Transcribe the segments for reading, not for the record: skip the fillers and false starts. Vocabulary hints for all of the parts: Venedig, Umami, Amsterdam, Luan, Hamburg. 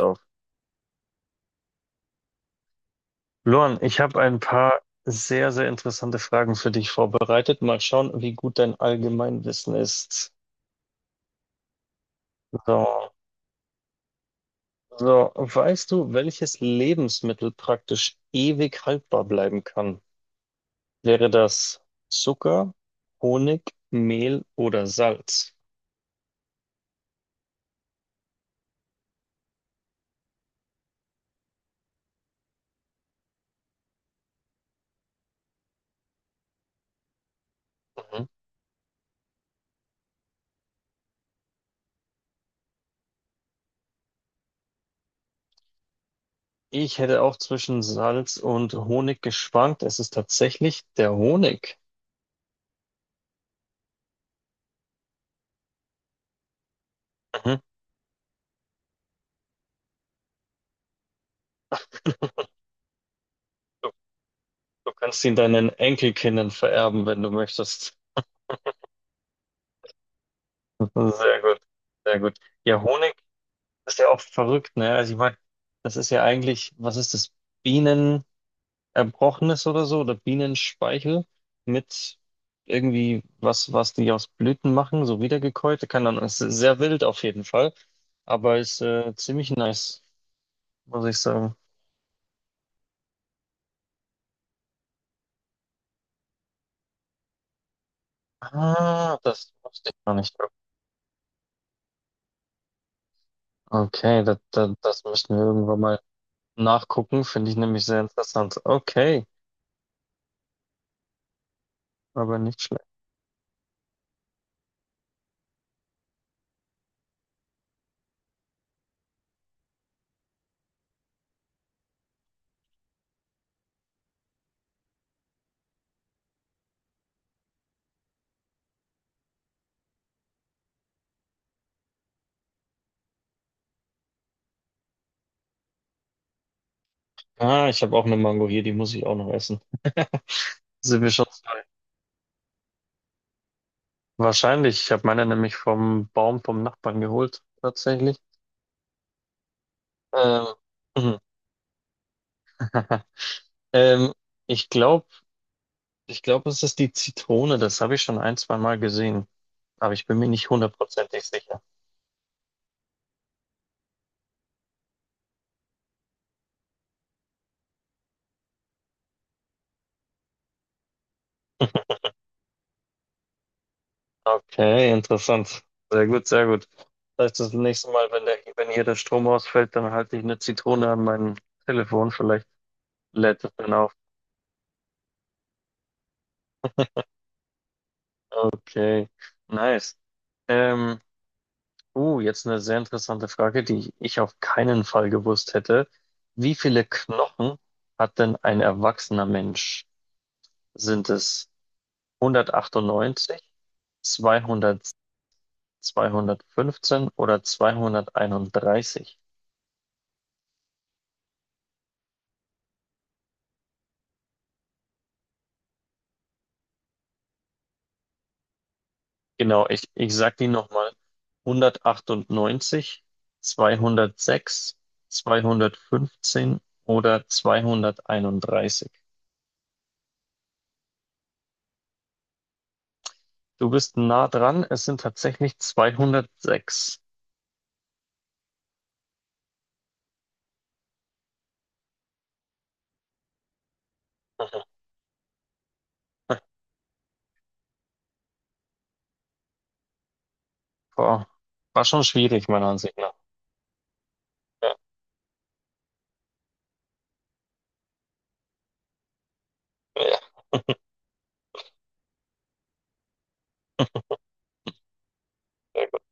Auf. Luan, ich habe ein paar sehr, sehr interessante Fragen für dich vorbereitet. Mal schauen, wie gut dein Allgemeinwissen ist. So, weißt du, welches Lebensmittel praktisch ewig haltbar bleiben kann? Wäre das Zucker, Honig, Mehl oder Salz? Mhm. Ich hätte auch zwischen Salz und Honig geschwankt. Es ist tatsächlich der Honig. Mhm. Du, du kannst ihn deinen Enkelkindern vererben, wenn du möchtest. Sehr gut, sehr gut. Ja, Honig ist ja auch verrückt, ne? Also ich meine, das ist ja eigentlich, was ist das? Bienen erbrochenes oder so oder Bienenspeichel mit irgendwie was, was die aus Blüten machen, so wiedergekäut. Kann dann, ist sehr wild auf jeden Fall, aber ist ziemlich nice, muss ich sagen. Ah, das wusste ich noch nicht. Okay, das müssen wir irgendwann mal nachgucken, finde ich nämlich sehr interessant. Okay, aber nicht schlecht. Ah, ich habe auch eine Mango hier, die muss ich auch noch essen. Sind wir schon zwei? Wahrscheinlich. Ich habe meine nämlich vom Baum vom Nachbarn geholt, tatsächlich. Ähm, mhm. ähm, ich glaube, es ist die Zitrone. Das habe ich schon ein, zwei Mal gesehen. Aber ich bin mir nicht hundertprozentig sicher. Okay, interessant. Sehr gut, sehr gut. Das heißt, das nächste Mal, wenn wenn hier der Strom ausfällt, dann halte ich eine Zitrone an mein Telefon. Vielleicht lädt es dann auf. Okay, nice. Ähm, jetzt eine sehr interessante Frage, die ich auf keinen Fall gewusst hätte. Wie viele Knochen hat denn ein erwachsener Mensch? Sind es 198, 200, 215 oder 231? Genau, ich sag die nochmal. 198, 206, 215 oder 231. Du bist nah dran, es sind tatsächlich 206. Boah, war schon schwierig, meiner Ansicht nach. Ja, ja, sehr gut.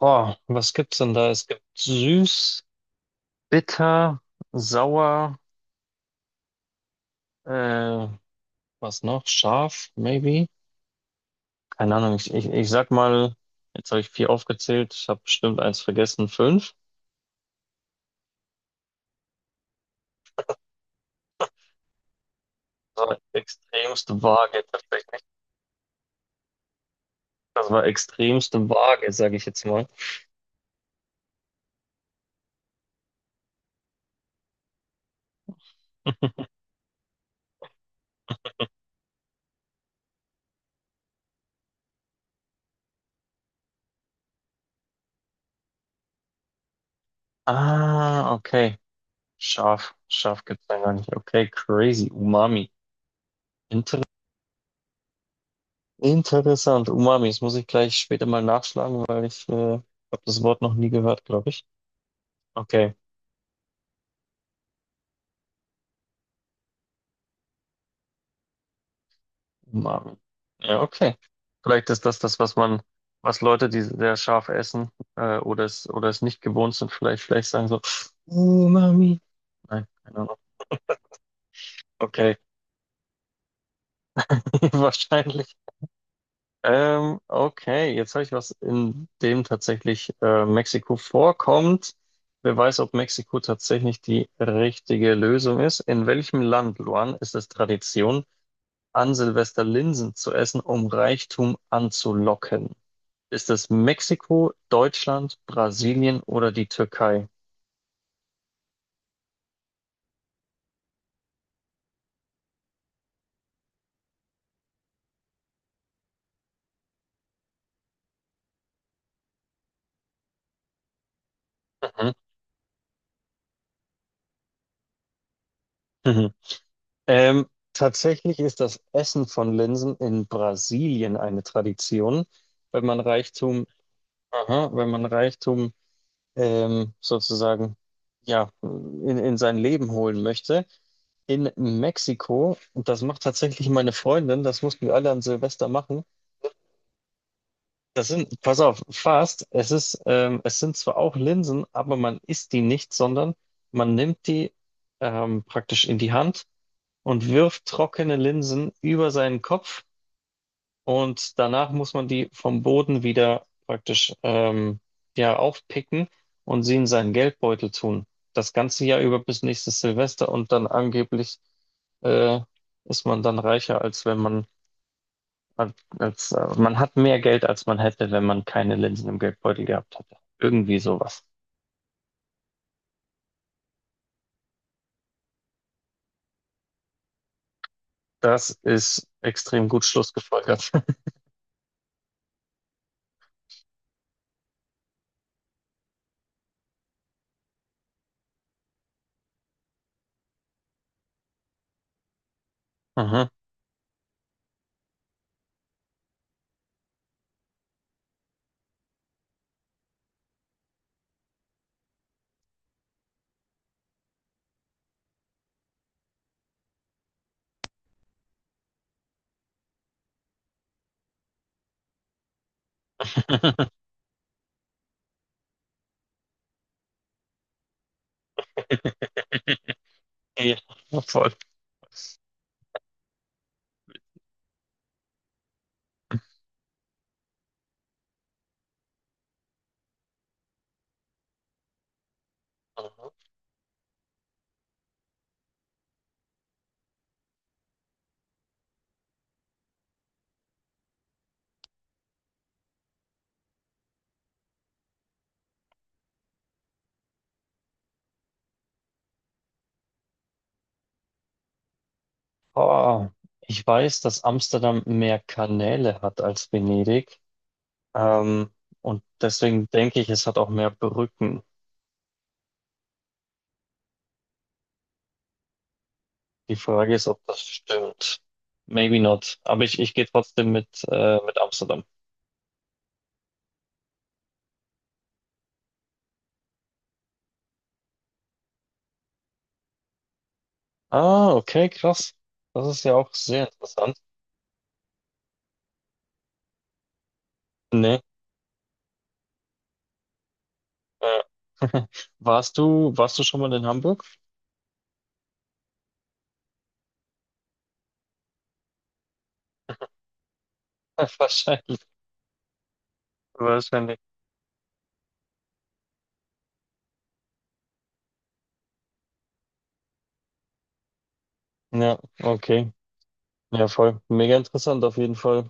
Boah, was gibt's denn da? Es gibt süß, bitter, sauer, äh, was noch? Scharf, maybe? Keine Ahnung, ich sag mal, jetzt habe ich vier aufgezählt, ich habe bestimmt eins vergessen, fünf. Das war extremst vage, tatsächlich. Das war extremst vage, sage ich jetzt mal. Ah, okay. Scharf, scharf gibt's da gar nicht. Okay, crazy, Umami. Interessant. Umami. Das muss ich gleich später mal nachschlagen, weil ich habe das Wort noch nie gehört, glaube ich. Okay, Umami. Ja, okay. Vielleicht ist das das, was man, was Leute, die sehr scharf essen oder es nicht gewohnt sind, vielleicht sagen so Umami. Nein, keine Ahnung. Okay, wahrscheinlich. Okay, jetzt habe ich was, in dem tatsächlich Mexiko vorkommt. Wer weiß, ob Mexiko tatsächlich die richtige Lösung ist. In welchem Land, Luan, ist es Tradition, an Silvester Linsen zu essen, um Reichtum anzulocken? Ist es Mexiko, Deutschland, Brasilien oder die Türkei? Mhm. Mhm. Ähm, tatsächlich ist das Essen von Linsen in Brasilien eine Tradition, wenn man Reichtum, aha, wenn man Reichtum sozusagen ja, in sein Leben holen möchte. In Mexiko, und das macht tatsächlich meine Freundin, das mussten wir alle an Silvester machen. Das sind, pass auf, Fast, es ist, es sind zwar auch Linsen, aber man isst die nicht, sondern man nimmt die praktisch in die Hand und wirft trockene Linsen über seinen Kopf und danach muss man die vom Boden wieder praktisch ja, aufpicken und sie in seinen Geldbeutel tun. Das ganze Jahr über bis nächstes Silvester und dann angeblich äh, ist man dann reicher, als wenn man, als man hat mehr Geld, als man hätte, wenn man keine Linsen im Geldbeutel gehabt hätte. Irgendwie sowas. Das ist extrem gut schlussgefolgert. Mhm. Ja, voll. Oh, ich weiß, dass Amsterdam mehr Kanäle hat als Venedig. Ähm, und deswegen denke ich, es hat auch mehr Brücken. Die Frage ist, ob das stimmt. Maybe not. Aber ich gehe trotzdem mit Amsterdam. Ah, okay, krass. Das ist ja auch sehr interessant. Nee. Ja. Warst du schon mal in Hamburg? Wahrscheinlich. Wahrscheinlich. Ja, okay. Ja, voll. Mega interessant auf jeden Fall.